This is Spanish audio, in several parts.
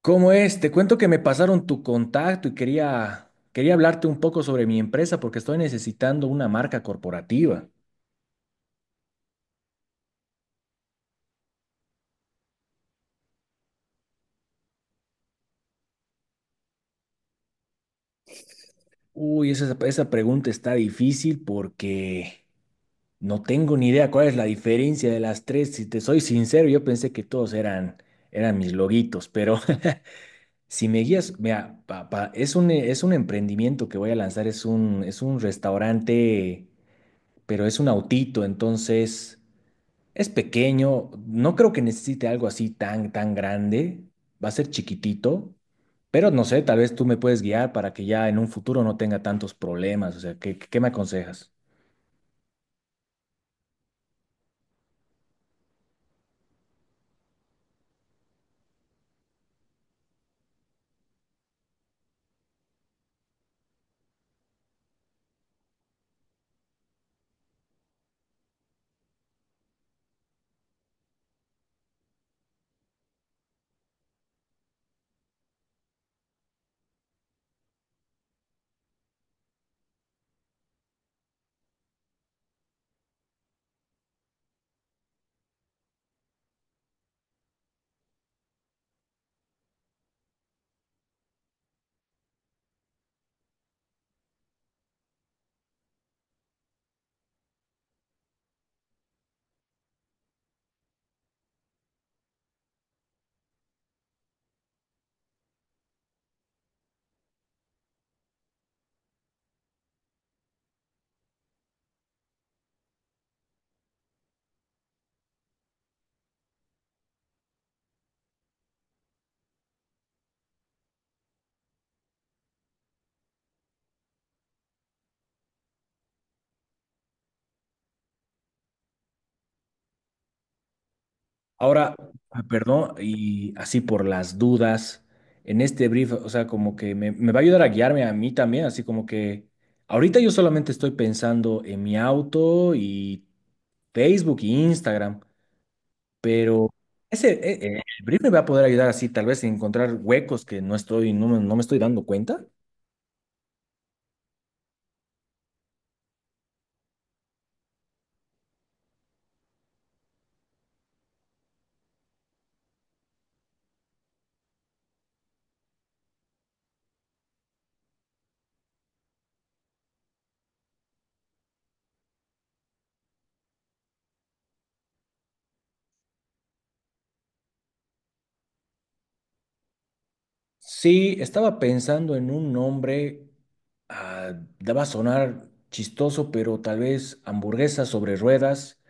¿Cómo es? Te cuento que me pasaron tu contacto y quería hablarte un poco sobre mi empresa porque estoy necesitando una marca corporativa. Uy, esa pregunta está difícil porque no tengo ni idea cuál es la diferencia de las tres. Si te soy sincero, yo pensé que todos eran mis loguitos, pero si me guías, mira, es un emprendimiento que voy a lanzar, es un restaurante, pero es un autito, entonces. Es pequeño, no creo que necesite algo así tan grande. Va a ser chiquitito, pero no sé, tal vez tú me puedes guiar para que ya en un futuro no tenga tantos problemas. O sea, ¿qué me aconsejas? Ahora, ah, perdón, y así por las dudas, en este brief, o sea, como que me va a ayudar a guiarme a mí también, así como que ahorita yo solamente estoy pensando en mi auto y Facebook e Instagram. Pero el brief me va a poder ayudar así, tal vez, a encontrar huecos que no estoy, no, me no me estoy dando cuenta. Sí, estaba pensando en un nombre, ah, daba a sonar chistoso, pero tal vez hamburguesa sobre ruedas,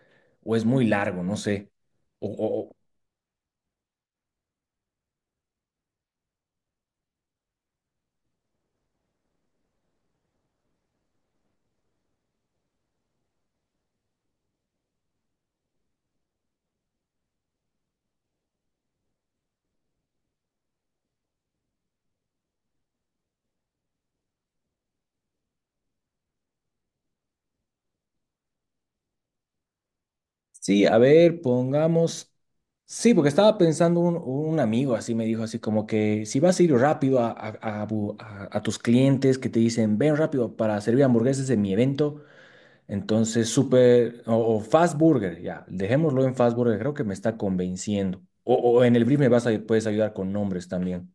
o es muy largo, no sé. O, o- o- sí, a ver, pongamos. Sí, porque estaba pensando un amigo así me dijo así como que si vas a ir rápido a tus clientes que te dicen ven rápido para servir hamburguesas en mi evento. Entonces, super o Fast Burger, ya, dejémoslo en Fast Burger, creo que me está convenciendo. O en el brief me vas a, puedes ayudar con nombres también.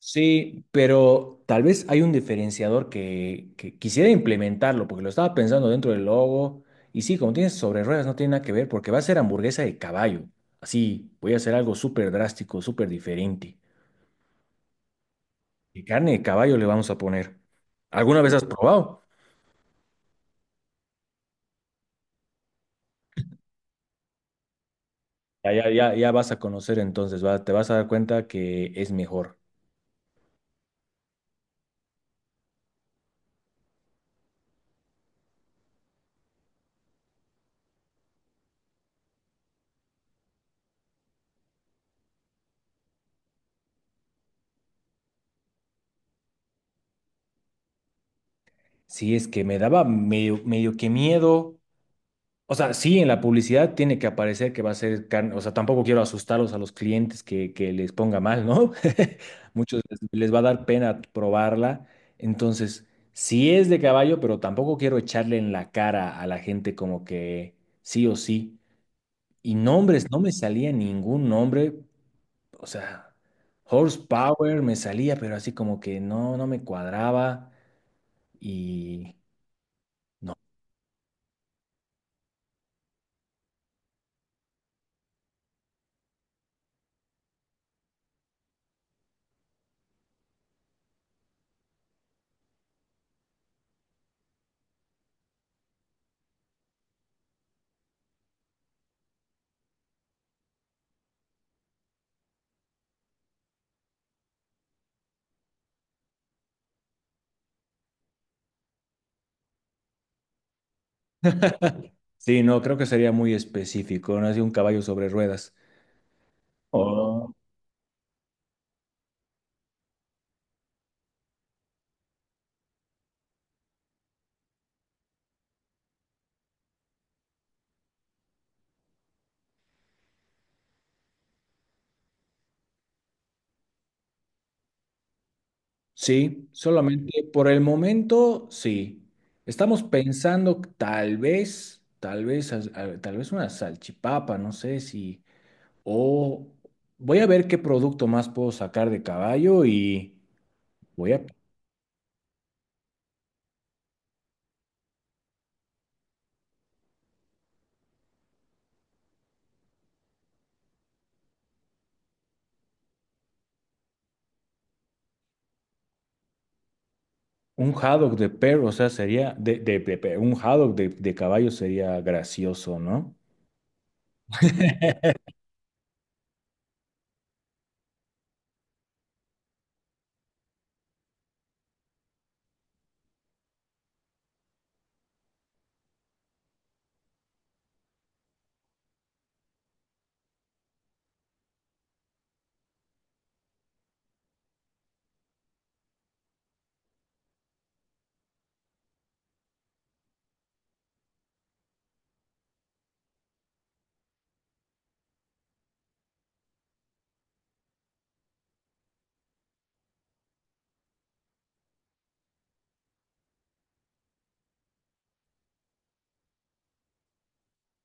Sí, pero tal vez hay un diferenciador que quisiera implementarlo, porque lo estaba pensando dentro del logo. Y sí, como tienes sobre ruedas, no tiene nada que ver, porque va a ser hamburguesa de caballo. Así, voy a hacer algo súper drástico, súper diferente. ¿Qué carne de caballo le vamos a poner? ¿Alguna vez has probado? Ya, ya, ya, ya vas a conocer entonces, va, te vas a dar cuenta que es mejor. Sí, es que me daba medio, medio que miedo. O sea, sí, en la publicidad tiene que aparecer que va a ser carne. O sea, tampoco quiero asustarlos a los clientes que les ponga mal, ¿no? Muchos les, les va a dar pena probarla. Entonces, sí es de caballo, pero tampoco quiero echarle en la cara a la gente como que sí o sí. Y nombres, no me salía ningún nombre. O sea, horsepower me salía, pero así como que no, no me cuadraba. Y. Sí, no, creo que sería muy específico, no así un caballo sobre ruedas. O sí, solamente por el momento, sí. Estamos pensando tal vez, tal vez una salchipapa, no sé si, o voy a ver qué producto más puedo sacar de caballo y voy a un haddock de perro, o sea, sería un haddock de caballo sería gracioso, ¿no?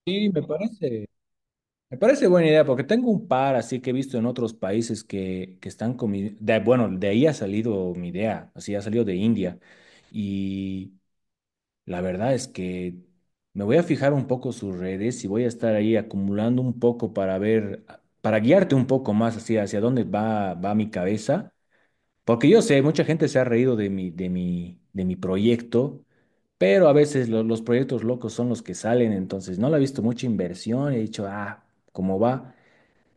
Sí, me parece. Me parece buena idea porque tengo un par así que he visto en otros países que están con mi- de- bueno, de ahí ha salido mi idea, así ha salido de India. Y la verdad es que me voy a fijar un poco sus redes y voy a estar ahí acumulando un poco para ver, para guiarte un poco más así hacia dónde va mi cabeza. Porque yo sé, mucha gente se ha reído de mi proyecto. Pero a veces los proyectos locos son los que salen, entonces no le he visto mucha inversión, he dicho, ah, ¿cómo va?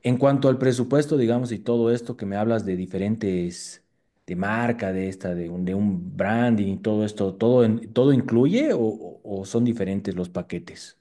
En cuanto al presupuesto, digamos, y todo esto que me hablas de diferentes, de marca, de esta, de un branding y todo esto, ¿todo, todo incluye o, o son diferentes los paquetes?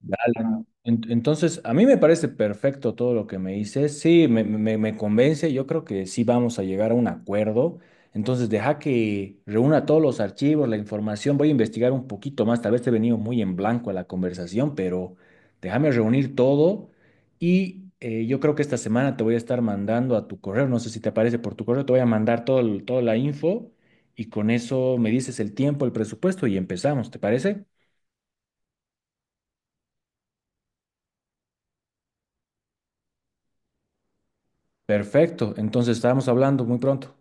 Dale. Entonces, a mí me parece perfecto todo lo que me dices. Sí, me convence. Yo creo que sí vamos a llegar a un acuerdo. Entonces, deja que reúna todos los archivos, la información. Voy a investigar un poquito más. Tal vez te he venido muy en blanco a la conversación, pero déjame reunir todo. Y yo creo que esta semana te voy a estar mandando a tu correo. No sé si te aparece por tu correo. Te voy a mandar todo, toda la info. Y con eso me dices el tiempo, el presupuesto y empezamos. ¿Te parece? Perfecto. Entonces, estábamos hablando muy pronto.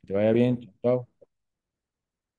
Que te vaya bien. Chao.